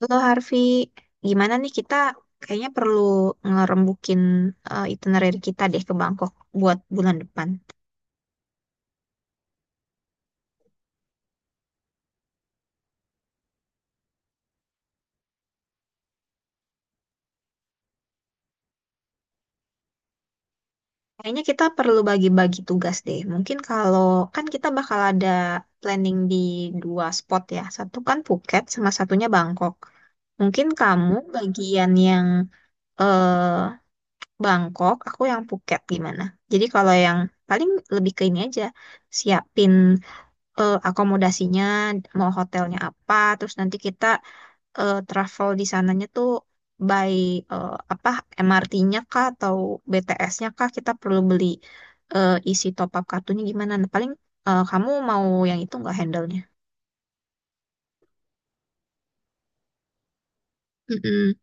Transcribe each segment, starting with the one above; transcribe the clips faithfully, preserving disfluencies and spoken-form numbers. Halo Harvey, gimana nih kita kayaknya perlu ngerembukin eh, itinerary kita deh ke Bangkok buat bulan depan. Kayaknya kita perlu bagi-bagi tugas deh. Mungkin kalau kan kita bakal ada planning di dua spot ya. Satu kan Phuket sama satunya Bangkok. Mungkin kamu bagian yang eh Bangkok, aku yang Phuket gimana? Jadi kalau yang paling lebih ke ini aja, siapin eh, akomodasinya, mau hotelnya apa, terus nanti kita eh, travel di sananya tuh by eh, apa M R T-nya kah atau B T S-nya kah, kita perlu beli eh, isi top up kartunya gimana? Nah, paling eh, kamu mau yang itu nggak handle-nya? Mm-mm.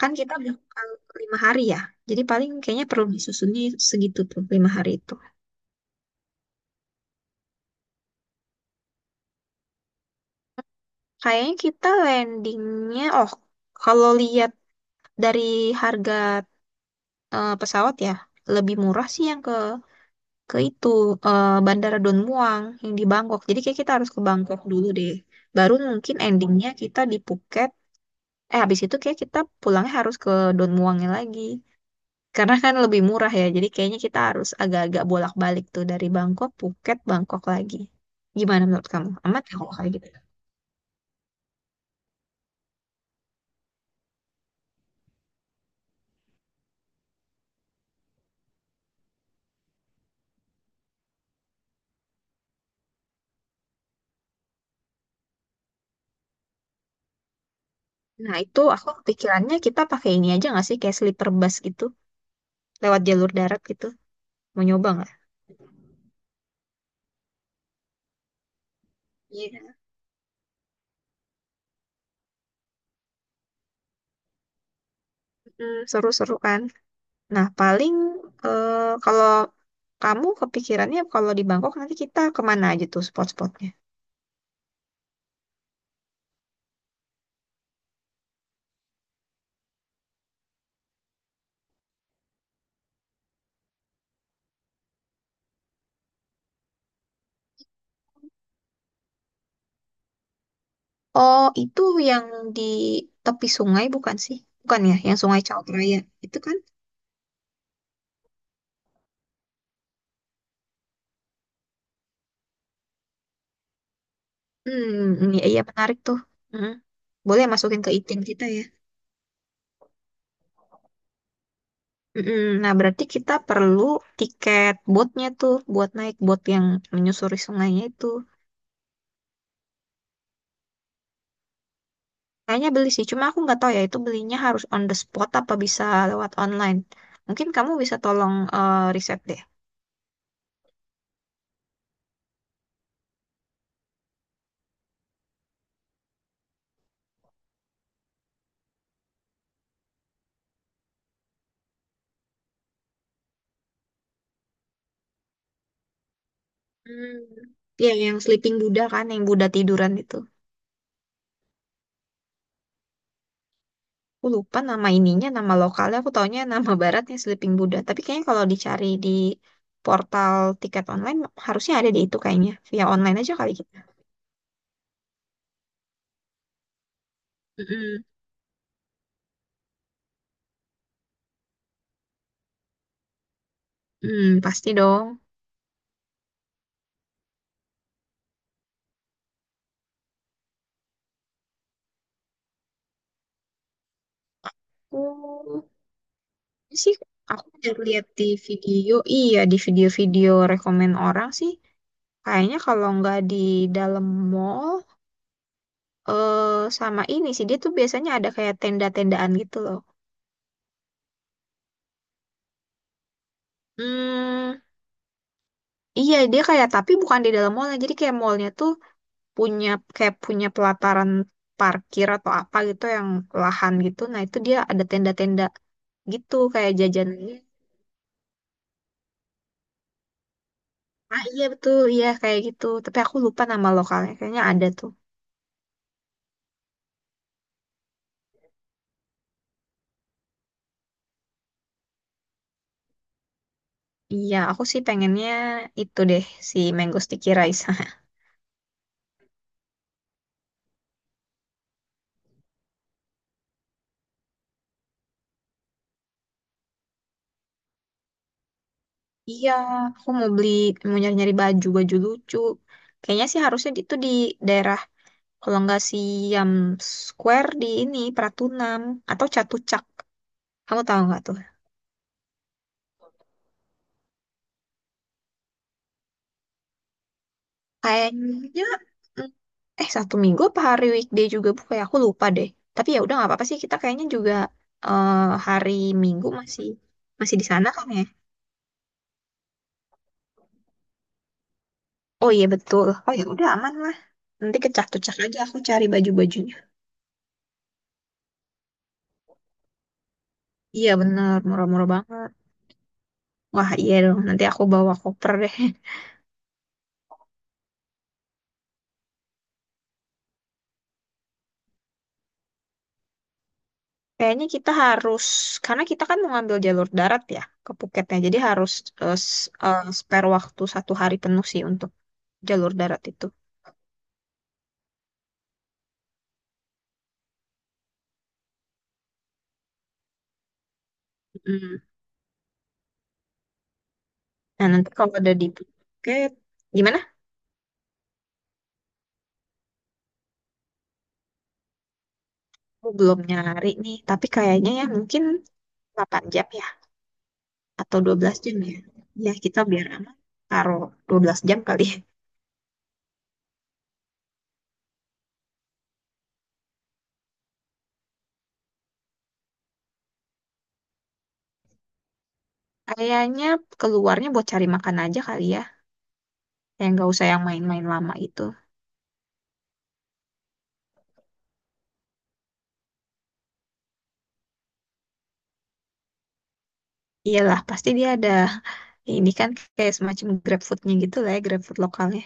Kan kita bakal lima hari ya, jadi paling kayaknya perlu disusunnya segitu tuh lima hari itu. Kayaknya kita landingnya, oh kalau lihat dari harga eh, pesawat ya lebih murah sih yang ke ke itu eh, Bandara Don Muang yang di Bangkok. Jadi kayak kita harus ke Bangkok dulu deh. Baru mungkin endingnya kita di Phuket. Eh habis itu kayak kita pulangnya harus ke Don Muangnya lagi. Karena kan lebih murah ya. Jadi kayaknya kita harus agak-agak bolak-balik tuh dari Bangkok, Phuket, Bangkok lagi. Gimana menurut kamu? Amat ya kalau kayak gitu? Nah itu aku pikirannya kita pakai ini aja nggak sih kayak sleeper bus gitu, lewat jalur darat gitu. Mau nyoba nggak? Iya, mm, seru-seru kan. Nah, paling eh, kalau kamu kepikirannya kalau di Bangkok nanti kita kemana aja tuh spot-spotnya? Oh, itu yang di tepi sungai bukan sih? Bukan ya, yang Sungai Chaot Raya. Itu kan? Hmm, iya, iya menarik tuh. Mm. Boleh masukin ke item kita ya. Mm-mm. Nah, berarti kita perlu tiket boatnya tuh buat naik boat yang menyusuri sungainya itu. Kayaknya beli sih, cuma aku nggak tahu ya itu belinya harus on the spot apa bisa lewat online. Mungkin kamu bisa tolong eh, riset deh. Hmm. Ya, yang Sleeping Buddha kan, yang Buddha tiduran itu. Aku lupa nama ininya, nama lokalnya. Aku taunya nama baratnya Sleeping Buddha. Tapi kayaknya kalau dicari di portal tiket online, harusnya ada di itu kayaknya. Via online aja kali kita. Mm-mm. Hmm, pasti dong. Oh, ini sih aku udah lihat di video. Iya, di video-video rekomen orang sih. Kayaknya kalau nggak di dalam mall, eh sama ini sih. Dia tuh biasanya ada kayak tenda-tendaan gitu loh. Hmm, iya, dia kayak tapi bukan di dalam mallnya. Jadi kayak mallnya tuh punya kayak punya pelataran parkir atau apa gitu yang lahan gitu. Nah itu dia ada tenda-tenda gitu kayak jajanannya. Ah iya betul, iya kayak gitu. Tapi aku lupa nama lokalnya. Kayaknya ada tuh. Iya, aku sih pengennya itu deh si Mango Sticky Rice. Iya, aku mau beli mau nyari-nyari baju baju lucu. Kayaknya sih harusnya itu di daerah kalau nggak Siam Square di ini Pratunam atau Catucak. Kamu tahu nggak tuh? Kayaknya mm, eh satu minggu apa hari weekday juga bu? Kayak aku lupa deh. Tapi ya udah nggak apa-apa sih. Kita kayaknya juga eh, hari Minggu masih masih di sana kan ya? Oh iya betul. Oh ya udah aman lah. Nanti kecak-kecak aja aku cari baju-bajunya. Iya bener, murah-murah banget. Wah iya dong. Nanti aku bawa koper deh. Kayaknya kita harus karena kita kan mau ngambil jalur darat ya ke Phuketnya. Jadi harus eh, s- eh, spare waktu satu hari penuh sih untuk jalur darat itu. Hmm. Nah, nanti kalau udah di tiket, gimana? Aku belum nyari nih, tapi kayaknya ya mungkin delapan jam ya, atau dua belas jam ya. Ya, kita biar aman, taruh dua belas jam kali ya. Kayaknya keluarnya buat cari makan aja kali ya, yang nggak usah yang main-main lama itu. Iyalah, pasti dia ada ini kan kayak semacam GrabFood-nya gitu lah ya, GrabFood lokalnya.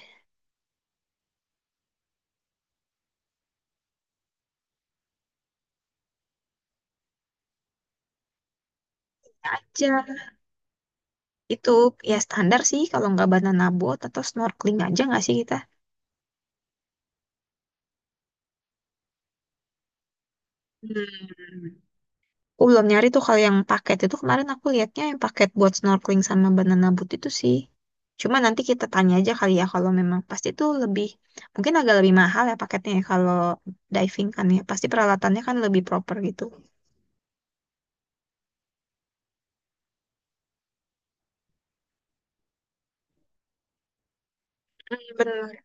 Aja, itu ya standar sih kalau nggak banana boat atau snorkeling aja nggak sih kita? Hmm. Aku belum nyari tuh kalau yang paket itu kemarin aku lihatnya yang paket buat snorkeling sama banana boat itu sih. Cuma nanti kita tanya aja kali ya kalau memang pasti itu lebih mungkin agak lebih mahal ya paketnya ya kalau diving kan ya pasti peralatannya kan lebih proper gitu. Hmm, bener.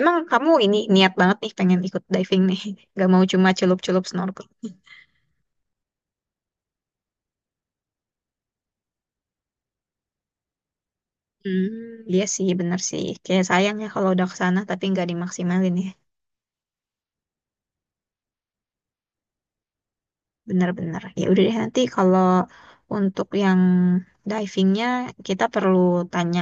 Emang kamu ini niat banget nih pengen ikut diving nih. Gak mau cuma celup-celup snorkeling. Hmm, iya sih bener sih. Kayak sayang ya kalau udah ke sana tapi nggak dimaksimalin ya. Benar-benar. Ya udah deh nanti kalau untuk yang divingnya kita perlu tanya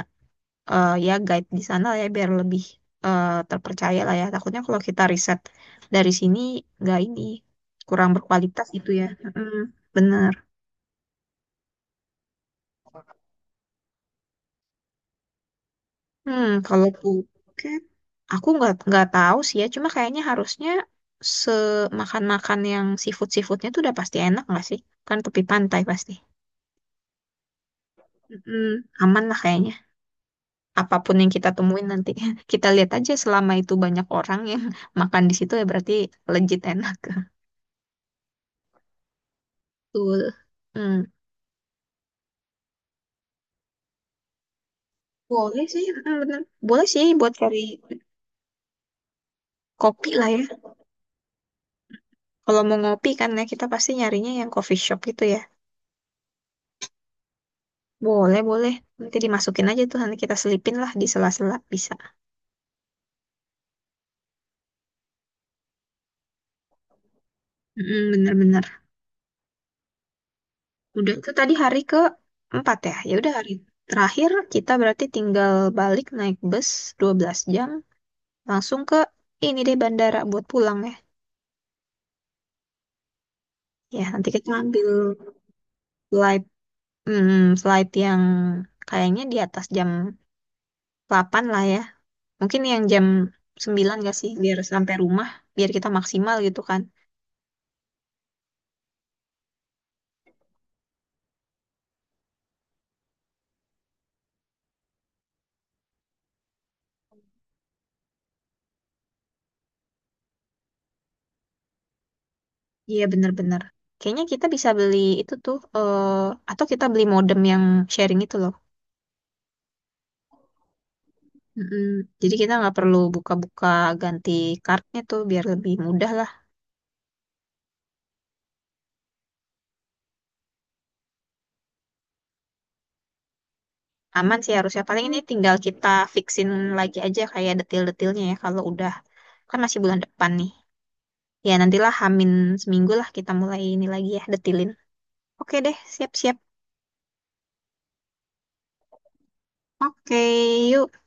eh, ya guide di sana lah ya biar lebih eh, terpercaya lah ya. Takutnya kalau kita riset dari sini nggak ini kurang berkualitas gitu ya. Mm, bener. Hmm, kalau buket aku nggak nggak tahu sih ya. Cuma kayaknya harusnya semakan-makan yang seafood-seafoodnya tuh udah pasti enak nggak sih? Kan tepi pantai pasti. Mm, aman lah kayaknya. Apapun yang kita temuin nanti kita lihat aja selama itu banyak orang yang makan di situ ya berarti legit enak. Betul, hmm. Boleh sih, hmm, bener, boleh sih buat cari kopi lah ya, kalau mau ngopi kan ya kita pasti nyarinya yang coffee shop gitu ya. Boleh boleh, nanti dimasukin aja tuh, nanti kita selipin lah di sela-sela bisa. Mm, bener-bener. Udah itu tadi hari ke empat ya, ya udah hari terakhir kita berarti tinggal balik naik bus dua belas jam langsung ke ini deh bandara buat pulang ya. Ya, nanti kita ambil slide, hmm, slide yang kayaknya di atas jam delapan lah ya. Mungkin yang jam sembilan gak sih, biar sampai rumah, biar kita maksimal gitu kan. Iya, bener-bener. Kayaknya kita bisa beli itu tuh, eh, atau kita beli modem yang sharing itu loh. Mm-mm. Jadi kita nggak perlu buka-buka ganti kartunya tuh, biar lebih mudah lah. Aman sih harusnya. Paling ini tinggal kita fixin lagi aja kayak detail-detailnya ya, kalau udah. Kan masih bulan depan nih. Ya, nantilah Hamin seminggu lah kita mulai ini lagi ya, detilin. Oke deh, siap-siap. Oke, yuk.